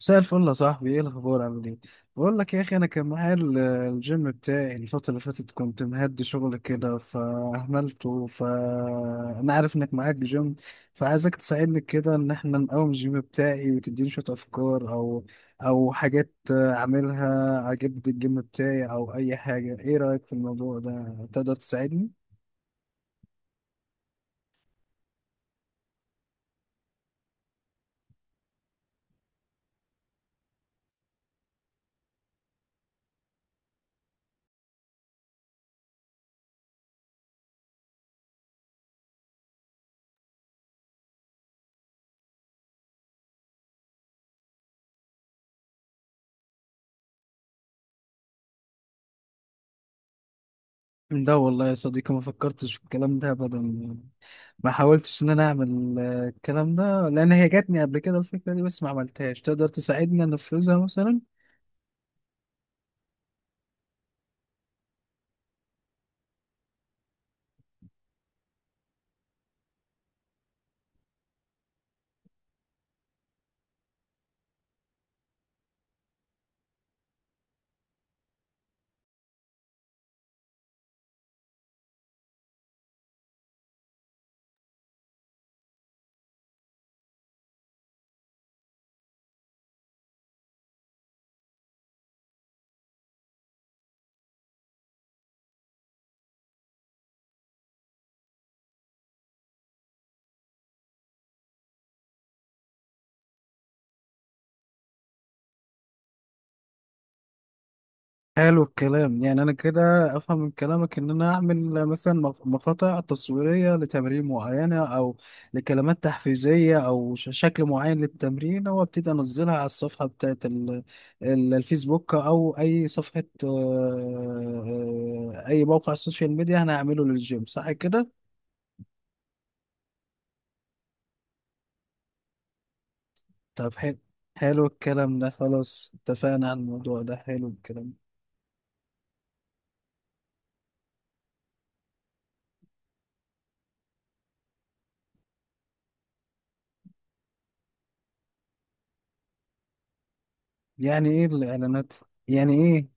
مساء الفل يا صاحبي، ايه الاخبار؟ عامل ايه؟ بقول لك يا اخي، انا كان معايا الجيم بتاعي الفتره اللي فاتت. كنت مهدي شغل كده فاهملته، فانا عارف انك معاك جيم، فعايزك تساعدني كده ان احنا نقوم الجيم بتاعي، وتديني شويه افكار او او حاجات اعملها اجدد الجيم بتاعي او اي حاجه. ايه رايك في الموضوع ده؟ تقدر تساعدني؟ ده والله يا صديقي ما فكرتش في الكلام ده ابدا، ما حاولتش ان انا اعمل، الكلام ده، لان هي جاتني قبل كده الفكره دي بس ما عملتهاش. تقدر تساعدني انفذها مثلا؟ حلو الكلام. يعني انا كده افهم من كلامك ان انا اعمل، مثلا مقاطع تصويريه لتمارين معينه، او لكلمات تحفيزيه، او شكل معين للتمرين، وابتدي انزلها على الصفحه بتاعت الفيسبوك، او اي صفحه، اي موقع سوشيال ميديا انا هعمله للجيم. صح كده؟ طب حلو. حلو الكلام ده، خلاص اتفقنا على الموضوع ده، حلو الكلام. يعني ايه الاعلانات؟ يعني ايه؟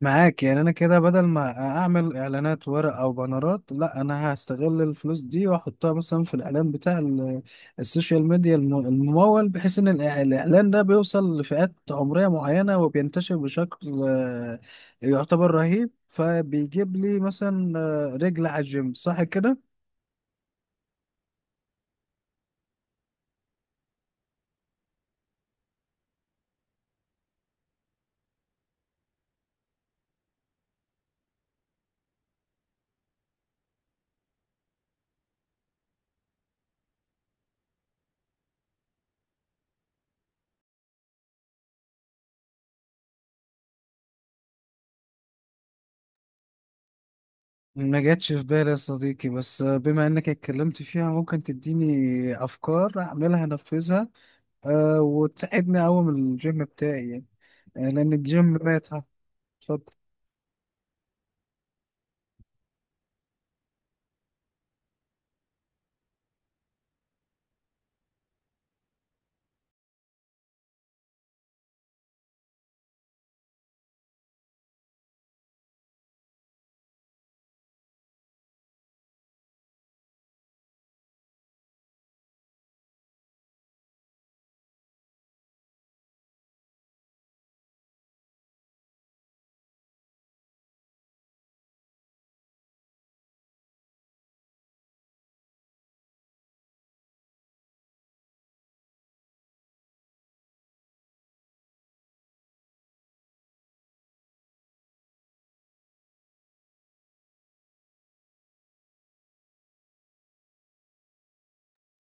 معاك. يعني انا كده بدل ما اعمل اعلانات ورق او بانرات، لا، انا هستغل الفلوس دي واحطها مثلا في الاعلان بتاع السوشيال ميديا الممول، بحيث ان الاعلان ده بيوصل لفئات عمرية معينة، وبينتشر بشكل، يعتبر رهيب، فبيجيب لي مثلا، رجل على الجيم. صح كده؟ ما جاتش في بالي يا صديقي، بس بما انك اتكلمت فيها، ممكن تديني افكار اعملها انفذها، أه، وتساعدني اقوم الجيم بتاعي يعني، لان الجيم مات. اتفضل.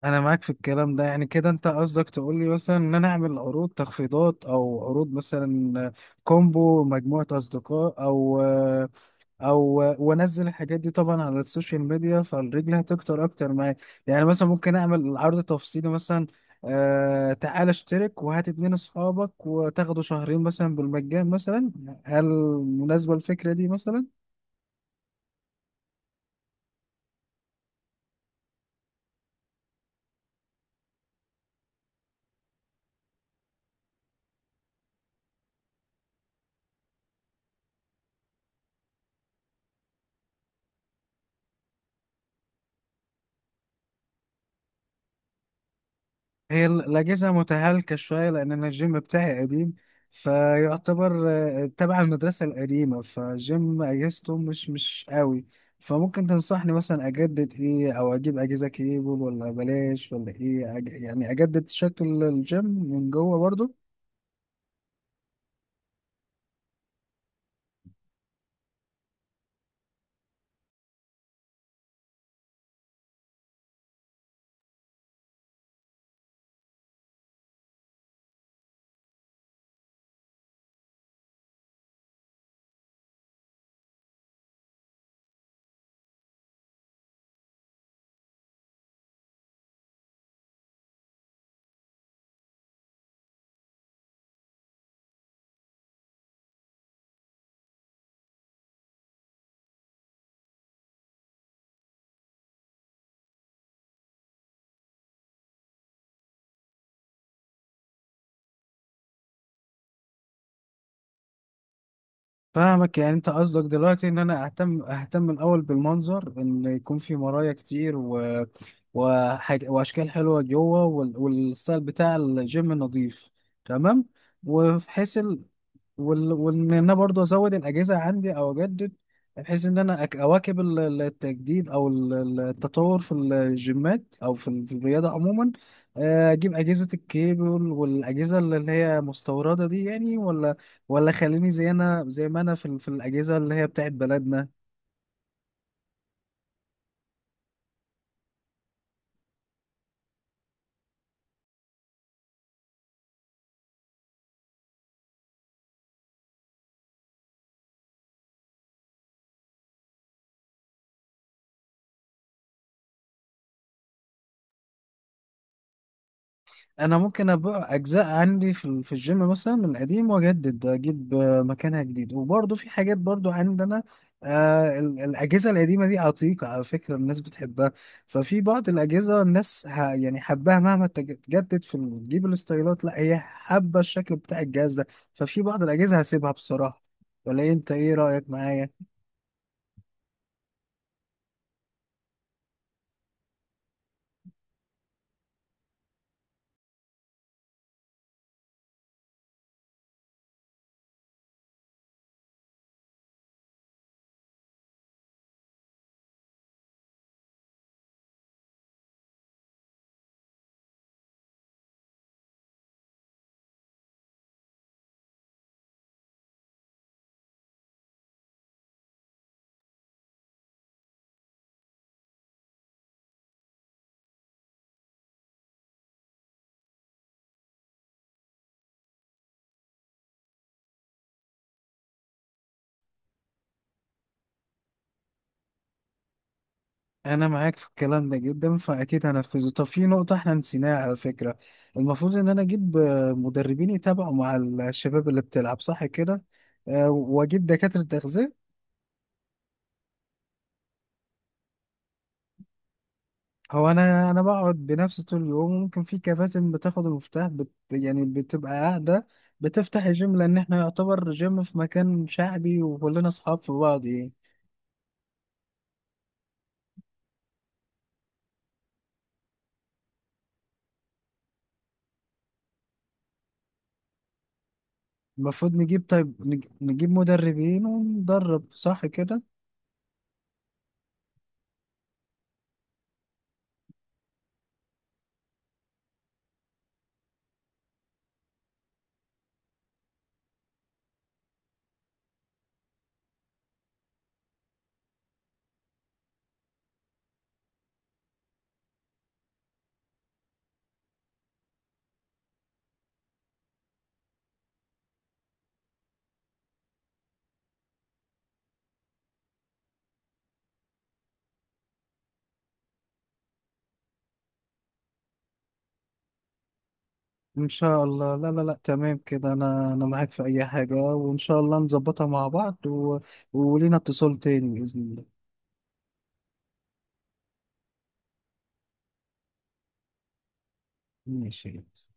انا معاك في الكلام ده. يعني كده انت قصدك تقول لي مثلا ان انا اعمل عروض تخفيضات، او عروض مثلا كومبو مجموعة اصدقاء او او وانزل الحاجات دي طبعا على السوشيال ميديا، فالرجل هتكتر اكتر معايا. يعني مثلا ممكن اعمل عرض تفصيلي مثلا، آه، تعال اشترك وهات اتنين اصحابك وتاخدوا شهرين مثلا بالمجان مثلا. هل مناسبة الفكرة دي مثلا؟ هي الأجهزة متهالكة شوية، لأن أنا الجيم بتاعي قديم، فيعتبر، تبع المدرسة القديمة، فالجيم أجهزته مش قوي. فممكن تنصحني مثلا أجدد إيه؟ أو أجيب أجهزة كيبل ولا بلاش ولا إيه أج... يعني أجدد شكل الجيم من جوه برضو؟ فاهمك. يعني انت قصدك دلوقتي ان انا اهتم الاول بالمنظر، ان يكون في مرايا كتير و... وحاج... واشكال حلوه جوه، وال... والستايل بتاع الجيم نظيف. تمام. وبحيث ال... وال... وان انا برضو ازود الاجهزه عندي او اجدد، بحيث ان انا اواكب التجديد او التطور في الجيمات او في في الرياضه عموما. اجيب اجهزه الكيبل والاجهزه اللي هي مستورده دي يعني، ولا ولا خليني زي انا، زي ما انا في في الاجهزه اللي هي بتاعت بلدنا؟ انا ممكن ابقى اجزاء عندي في في الجيم مثلا من القديم، واجدد اجيب، مكانها جديد، وبرضه في حاجات برضه عندنا، آه، الاجهزه القديمه دي عتيقه، على فكره الناس بتحبها. ففي بعض الاجهزه الناس يعني حباها، مهما تجدد في تجيب الاستايلات، لا هي حابه الشكل بتاع الجهاز ده. ففي بعض الاجهزه هسيبها بصراحه. ولا إيه؟ انت ايه رايك معايا؟ انا معاك في الكلام ده جدا، فاكيد هنفذه. طب في نقطه احنا نسيناها على فكره، المفروض ان انا اجيب، مدربين يتابعوا مع الشباب اللي بتلعب. صح كده؟ واجيب دكاتره تغذيه. هو انا بقعد بنفسي طول اليوم، ممكن في كباتن بتاخد المفتاح بت يعني بتبقى قاعده بتفتح الجيم، لان احنا يعتبر جيم في مكان شعبي، وكلنا اصحاب في بعض يعني. المفروض نجيب، طيب نجيب مدربين وندرب. صح كده؟ ان شاء الله. لا لا لا، تمام كده، انا معاك في اي حاجة، وان شاء الله نظبطها مع بعض و... ولينا اتصال تاني بإذن الله. ماشي.